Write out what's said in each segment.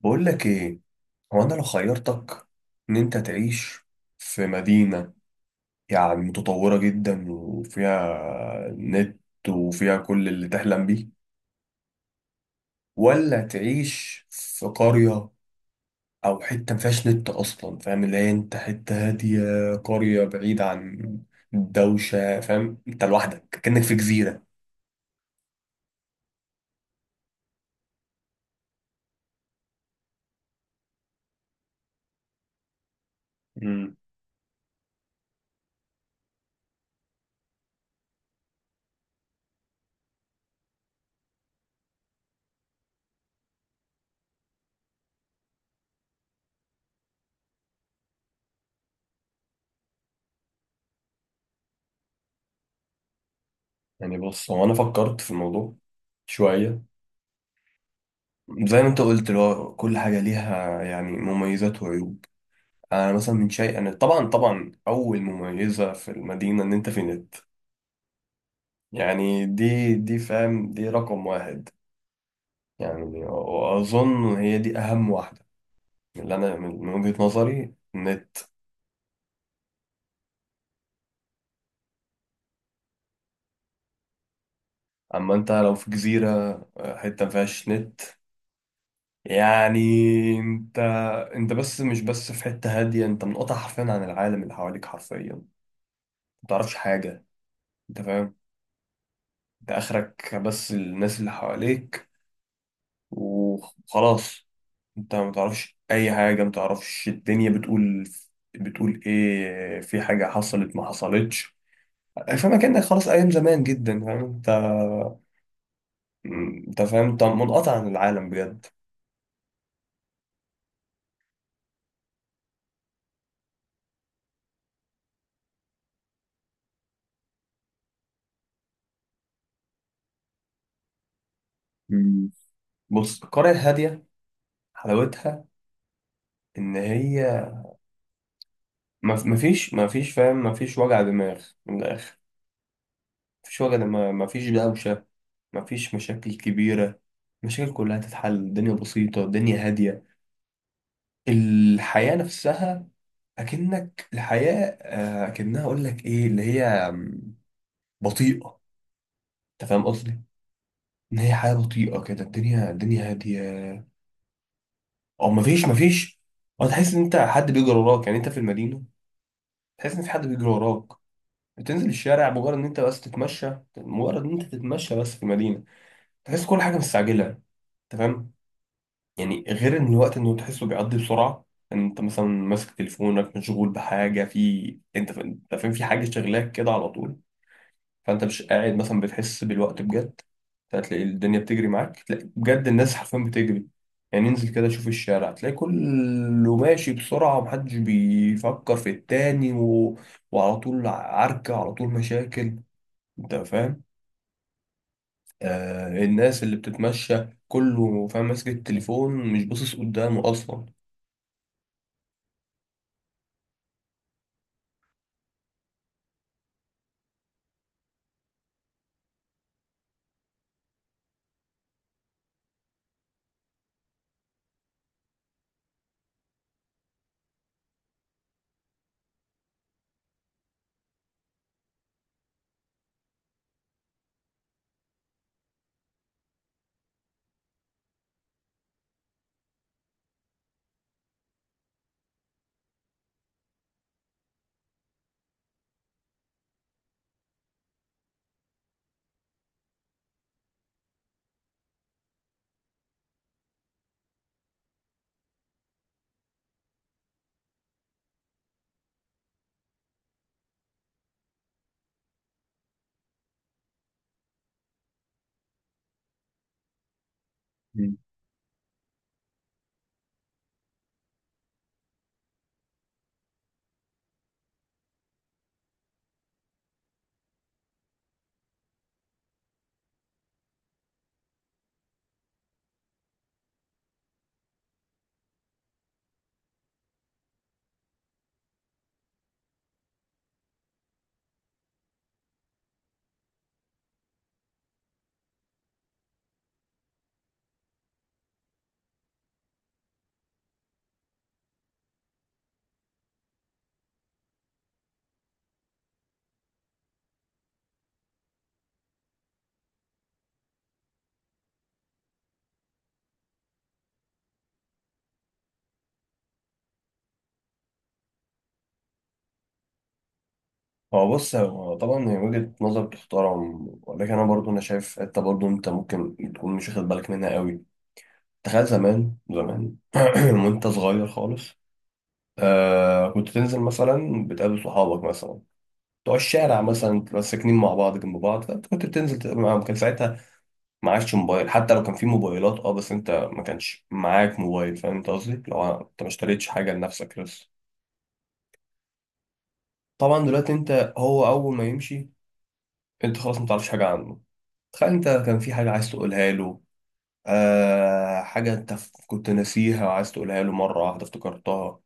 بقول لك ايه، هو انا لو خيرتك ان انت تعيش في مدينة، يعني متطورة جدا وفيها نت وفيها كل اللي تحلم بيه، ولا تعيش في قرية او حتة ما فيهاش نت اصلا. فاهم؟ اللي هي انت حتة هادية، قرية بعيدة عن الدوشة. فاهم؟ انت لوحدك كأنك في جزيرة. مم. يعني بص، هو انا فكرت في الموضوع شوية. زي ما انت قلت، اللي هو كل حاجة ليها يعني مميزات وعيوب. انا مثلا من شيء، انا طبعا طبعا اول مميزه في المدينه ان انت في نت. يعني دي فاهم، دي رقم واحد، يعني واظن هي دي اهم واحده من اللي انا، من وجهه نظري، النت. اما انت لو في جزيره، حته ما فيهاش نت، يعني انت انت مش بس في حته هاديه، انت منقطع حرفيا عن العالم اللي حواليك، حرفيا ما تعرفش حاجه. انت فاهم؟ انت اخرك بس الناس اللي حواليك وخلاص. انت ما تعرفش اي حاجه، ما تعرفش الدنيا بتقول ايه، في حاجه حصلت ما حصلتش. فاهم؟ كانك خلاص ايام زمان جدا. فاهم انت؟ انت فاهم، انت منقطع عن العالم بجد. مم. بص، القرية الهادية حلاوتها إن هي مفيش فاهم، مفيش وجع دماغ من الآخر. مفيش وجع دماغ، مفيش دوشة، مفيش مشاكل كبيرة، المشاكل كلها تتحل، الدنيا بسيطة الدنيا هادية، الحياة نفسها أكنك الحياة، أكنها، أقول لك إيه اللي هي، بطيئة. أنت فاهم قصدي؟ إن هي حياة بطيئة كده، الدنيا هادية. أو مفيش، أو تحس إن أنت حد بيجري وراك. يعني أنت في المدينة تحس إن في حد بيجري وراك، بتنزل الشارع مجرد إن أنت بس تتمشى، مجرد إن أنت تتمشى بس في المدينة تحس كل حاجة مستعجلة. أنت فاهم؟ يعني غير ان الوقت، انه تحسه بيعدي بسرعه، ان انت مثلا ماسك تليفونك مشغول بحاجه، انت فاهم، في حاجه شغلاك كده على طول، فانت مش قاعد مثلا بتحس بالوقت بجد. هتلاقي الدنيا بتجري معاك، تلاقي بجد الناس حرفيا بتجري. يعني انزل كده شوف الشارع، تلاقي كله ماشي بسرعه ومحدش بيفكر في التاني وعلى طول عركه، على طول مشاكل. انت فاهم؟ الناس اللي بتتمشى كله فاهم ماسك التليفون مش باصص قدامه اصلا. هو بص، هو طبعا هي وجهة نظر تحترم، ولكن انا برضو انا شايف حته برضو انت ممكن تكون مش واخد بالك منها قوي. تخيل زمان زمان وانت صغير خالص، كنت تنزل مثلا بتقابل صحابك مثلا بتوع الشارع، مثلا بتبقى ساكنين مع بعض جنب بعض، فانت كنت بتنزل تقابل معاهم كان ساعتها ما عادش موبايل. حتى لو كان في موبايلات، بس انت ما كانش معاك موبايل، فاهم انت قصدي؟ لو انت ما اشتريتش حاجه لنفسك لسه. طبعا دلوقتي انت، هو اول ما يمشي انت خلاص ما تعرفش حاجه عنه. تخيل انت كان في حاجة عايز تقولها له، حاجة انت كنت ناسيها وعايز تقولها له، مرة واحدة افتكرتها،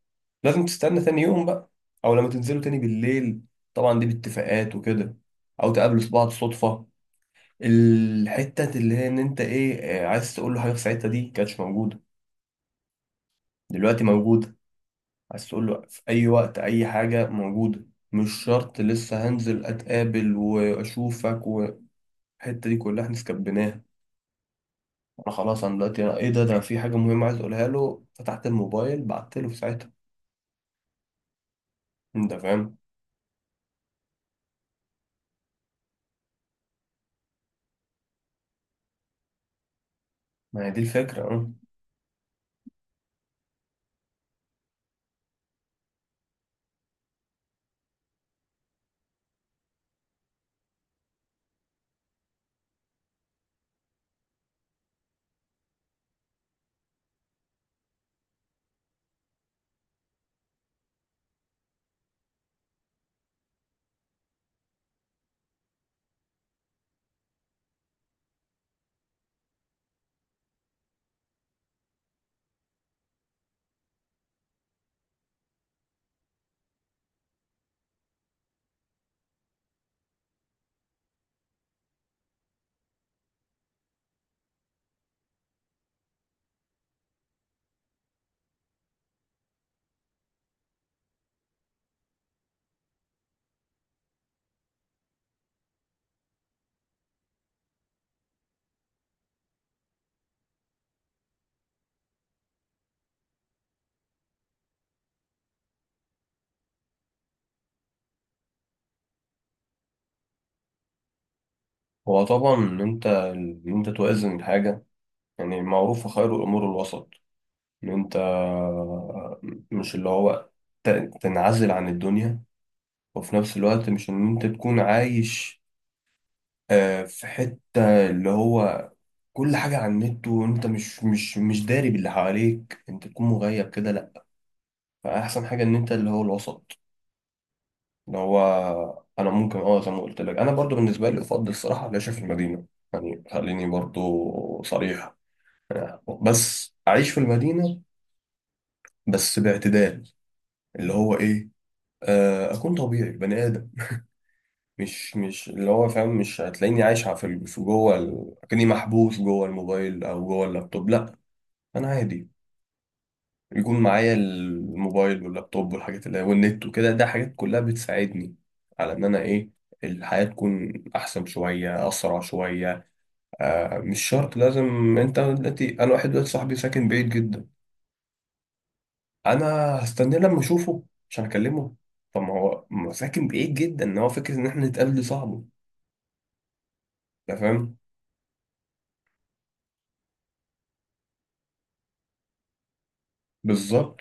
لازم تستنى تاني يوم بقى، او لما تنزلوا تاني بالليل، طبعا دي باتفاقات وكده، او تقابلوا بعض صدفة. الحتة اللي هي، ان انت ايه، عايز تقول له حاجة في ساعتها، دي كانتش موجودة. دلوقتي موجودة، عايز تقول له في اي وقت اي حاجة موجودة. مش شرط لسه هنزل اتقابل واشوفك، والحتة دي كلها احنا سكبناها. انا خلاص انا دلوقتي أنا، ايه ده، أنا في حاجه مهمه عايز اقولها له، فتحت الموبايل بعت له في ساعتها. انت فاهم؟ ما هي دي الفكره. اه، هو طبعا ان انت توازن الحاجه. يعني معروف خير الامور الوسط، ان انت مش اللي هو، ت- تنعزل عن الدنيا. وفي نفس الوقت مش ان انت تكون عايش، في حته اللي هو كل حاجه على النت وانت مش داري باللي حواليك، انت تكون مغيب كده. لا، فاحسن حاجه ان انت اللي هو الوسط. اللي هو انا ممكن زي ما قلت لك، انا برضو بالنسبه لي افضل الصراحه العيش في المدينه. يعني خليني برضو صريح، بس اعيش في المدينه بس باعتدال. اللي هو ايه؟ اكون طبيعي بني ادم. مش اللي هو، فاهم، مش هتلاقيني عايش في جوه كأني محبوس جوه الموبايل او جوه اللابتوب. لا، انا عادي يكون معايا الموبايل واللابتوب والحاجات اللي والنت وكده. ده حاجات كلها بتساعدني على ان انا ايه، الحياة تكون احسن شوية، اسرع شوية. مش شرط لازم. انت دلوقتي، انا واحد دلوقتي صاحبي ساكن بعيد جدا، انا هستناه لما اشوفه عشان اكلمه؟ طب ما هو ساكن بعيد جدا، ان هو فكرة ان احنا نتقابل دي صعبة. انت فاهم؟ بالظبط.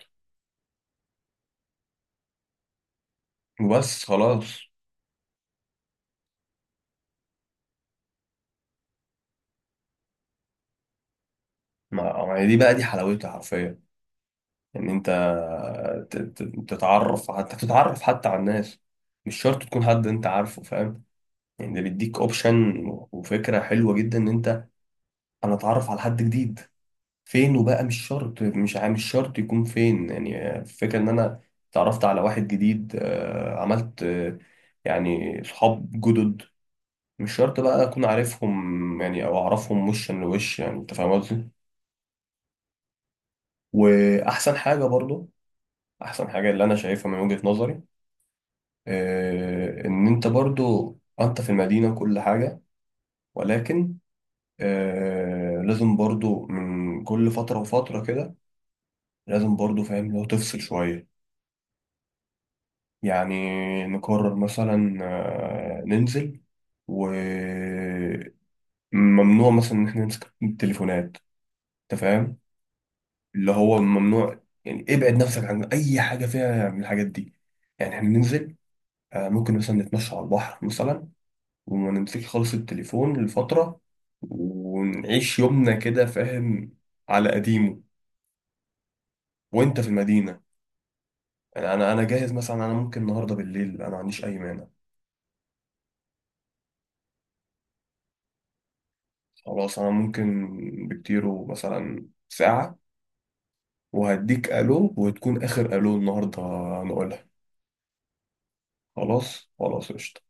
بس خلاص، ما هي دي بقى دي حلاوتها حرفيا. ان انت ت- ت- تتعرف حتى على الناس، مش شرط تكون حد انت عارفه، فاهم؟ يعني ده بيديك اوبشن وفكرة حلوة جدا. ان انا اتعرف على حد جديد فين، وبقى مش شرط، مش شرط يكون فين. يعني الفكرة ان انا اتعرفت على واحد جديد، عملت، يعني صحاب جدد، مش شرط بقى اكون عارفهم يعني، او اعرفهم وشا لوش، يعني انت فاهم قصدي؟ واحسن حاجة برضو، احسن حاجة اللي انا شايفها من وجهة نظري، ان انت برضو انت في المدينة كل حاجة، ولكن لازم برضو من كل فترة وفترة كده، لازم برضو فاهم لو تفصل شوية. يعني نقرر مثلا، ننزل وممنوع مثلا ان احنا نمسك التليفونات. انت فاهم؟ اللي هو ممنوع، يعني ابعد نفسك عن اي حاجة فيها من الحاجات دي. يعني احنا ننزل، ممكن مثلا نتمشى على البحر مثلا، وما نمسكش خالص التليفون لفترة، ونعيش يومنا كده، فاهم، على قديمه وانت في المدينة. يعني انا جاهز مثلا، انا ممكن النهاردة بالليل. انا ما عنديش اي مانع. خلاص انا ممكن بكتيره مثلا ساعة وهديك الو، وتكون اخر الو النهاردة نقولها. خلاص خلاص قشطة.